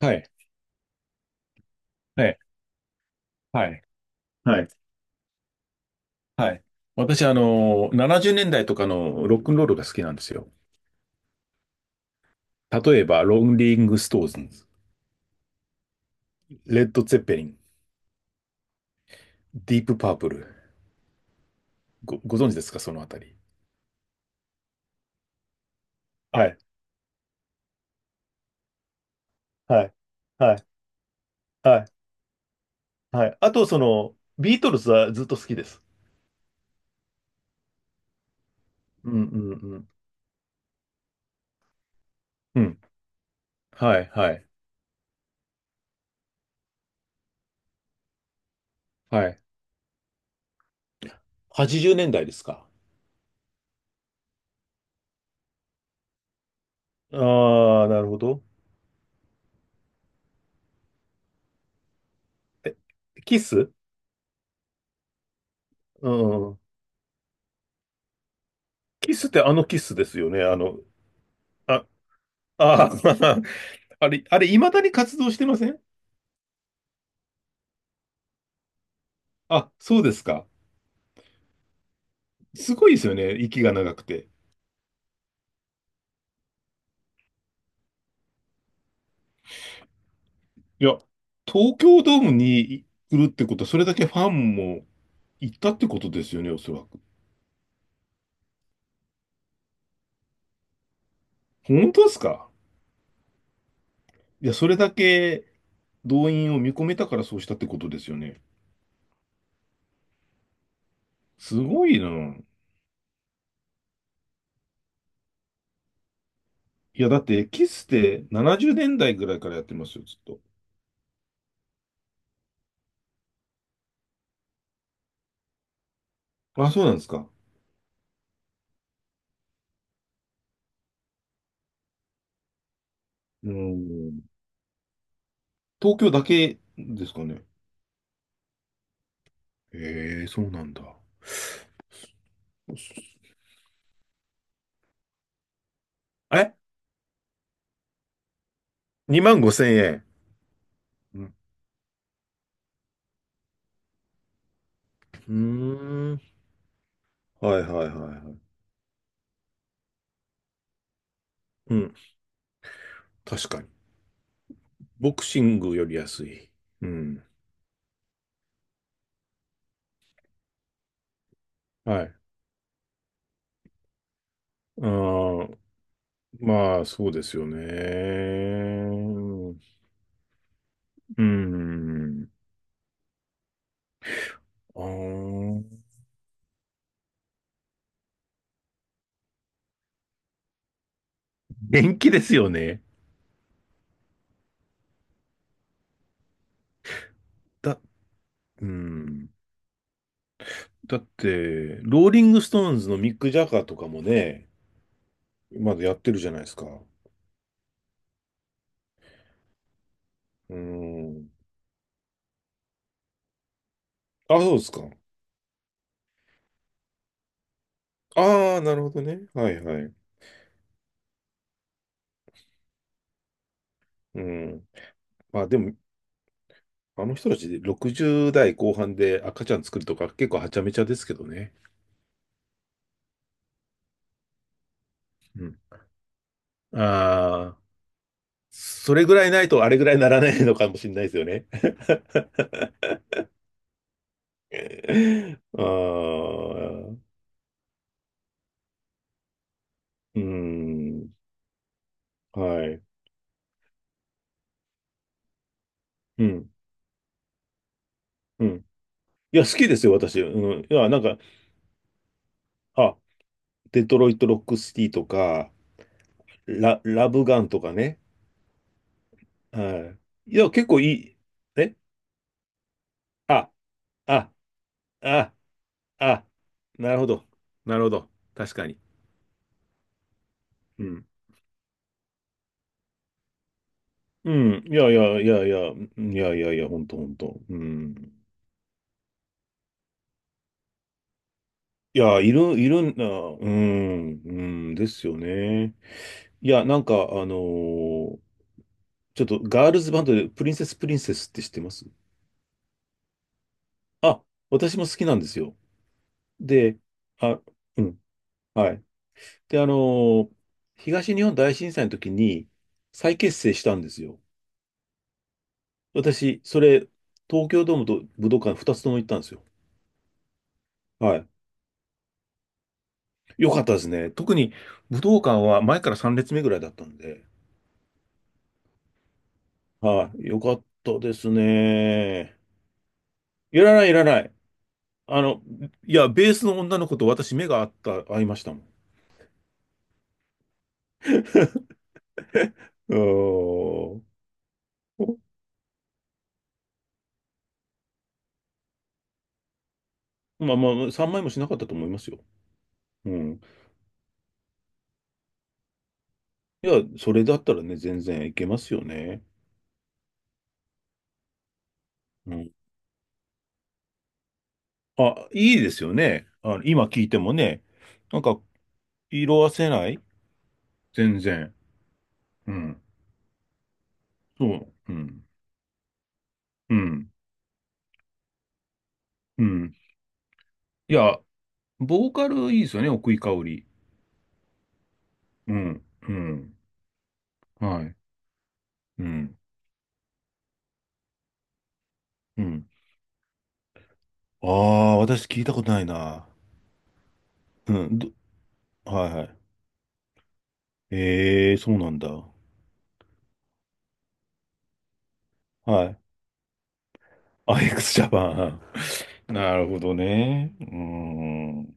はい。ええ、はい。はい。はい。私、70年代とかのロックンロールが好きなんですよ。例えば、ロンリング・ストーンズ、レッド・ツェッペリン、ディープ・パープル。ご存知ですか、そのあたり。はい。はい。はい。はい。はい。あと、ビートルズはずっと好きです。うんうんうん。うん。はい、はい、はい。80年代ですか。ああ、なるほど。え、キスうん。キスってあのキスですよね。あ、ああ、あれ、未だに活動してません？あ、そうですか。すごいですよね、息が長くて。いや、東京ドームに来るってことは、それだけファンも行ったってことですよね、おそらく。本当ですか？いや、それだけ動員を見込めたからそうしたってことですよね。すごいな。いや、だって、キスって70年代ぐらいからやってますよ、ずっと。あ、そうなんですか。うん。東京だけですかね。ええ、そうなんだ。え ?2 万5 0円。うーん。はいはいはいはい。うん。確かに。ボクシングより安い。うん。はい。あーまあ、そうですよね。うん。あー元気ですよね。だ、うん。だって、ローリングストーンズのミック・ジャガーとかもね、まだやってるじゃないですか。うん。あ、そうですか。ああ、なるほどね。はいはい。うん。まあでも、あの人たちで60代後半で赤ちゃん作るとか結構はちゃめちゃですけどね。うん。ああ、それぐらいないとあれぐらいならないのかもしれないですよね。ああ、うん、はい。うん、うん。いや、好きですよ、私。うん。いや、なんか、あ、デトロイト・ロックシティとか、ラブガンとかね。はい。いや、結構いい。えあ、あ、あ、あ、なるほど。なるほど。確かに。うんうん。いやいやいやいや、うんいやいやいやいやいやいやいやほんとほんと。うん。いや、いる、いるんだ。うん、うん、ですよね。いや、なんか、ちょっとガールズバンドでプリンセスプリンセスって知ってます？あ、私も好きなんですよ。で、あ、うん、はい。で、ー東日本大震災の時に再結成したんですよ。私、それ、東京ドームと武道館2つとも行ったんですよ。はい。良かったですね。特に武道館は前から3列目ぐらいだったんで、はい、良かったですね。いらない、いらない。あの、いや、ベースの女の子と私目が合いましたもん。うーん。まあまあ、3枚もしなかったと思いますよ。うん。いや、それだったらね、全然いけますよね。うん。あ、いいですよね。今聞いてもね、なんか、色褪せない、全然。うん。そう。うん。うん。うん。いや、ボーカルいいですよね、奥井香織。うん、うん、はい、うん、うん。ああ、私聞いたことないな。うん、はいはい。ええ、そうなんだ。はい。アイエックスジャパン。なるほどね。うーん。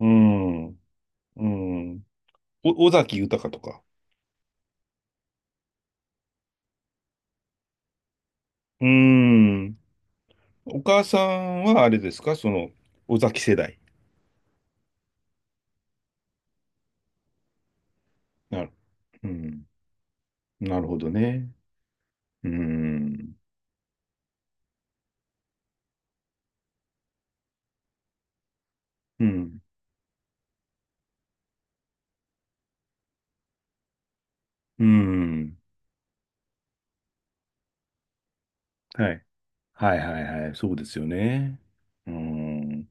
うん。うん。尾崎豊とか。うーん。お母さんはあれですか尾崎世代。なる。うん。なるほどね。うーん。うん。うーん。はい。はいはいはい、そうですよね。うん。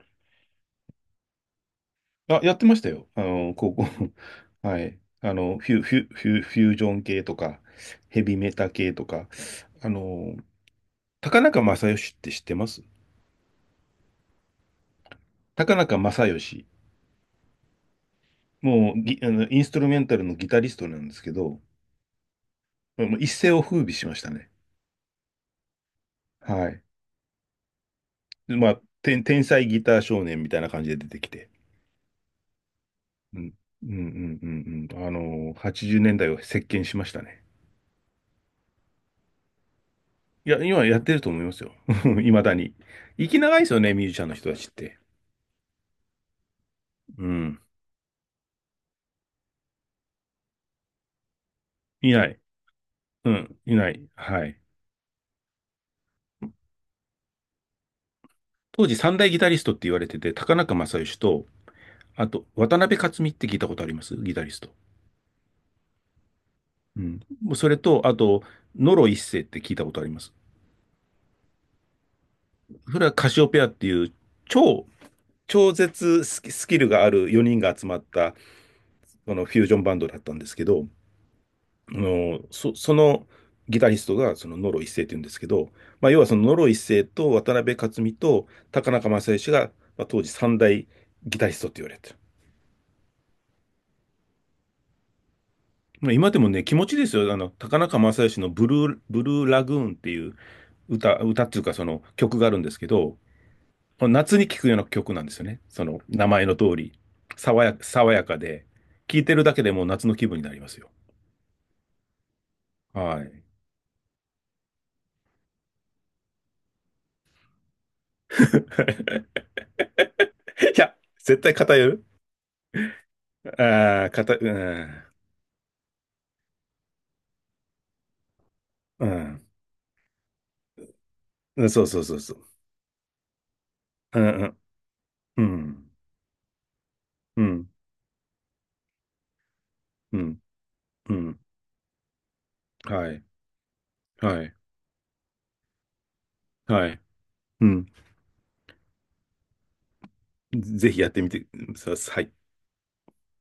あ、やってましたよ。高校。はい。フュージョン系とか、ヘビメタ系とか、あの、高中正義って知ってます？高中正義。もうギ、あの、インストゥルメンタルのギタリストなんですけど、もう一世を風靡しましたね。はい。でまあ、天才ギター少年みたいな感じで出てきて。うん。うんうんうんうん。80年代を席巻しましたね。いや、今やってると思いますよ。いまだに。生き長いですよね、ミュージシャンの人たちって。うん。いない。うん。いない。はい。当時三大ギタリストって言われてて、高中正義と、あと、渡辺克己って聞いたことあります？ギタリスト。うん。もうそれと、あと、野呂一世って聞いたことあります？それはカシオペアっていう、超、超絶スキスキルがある4人が集まった、このフュージョンバンドだったんですけど、そのギタリストがそのノロ一世って言うんですけど、まあ、要はそのノロ一世と渡辺克己と高中正義が、まあ、当時三大ギタリストって言われてる。まあ、今でもね、気持ちいいですよ。高中正義のブルーラグーンっていう歌、歌っていうかその曲があるんですけど、この夏に聴くような曲なんですよね。その名前の通り、爽やかで、聴いてるだけでもう夏の気分になりますよ。はい。いや、絶対偏る。ああ、うん、うん、そうそうそうそう。うん、うん、うん、うん、うん、うん、はい、はい、はい、うん。ぜひやってみてください。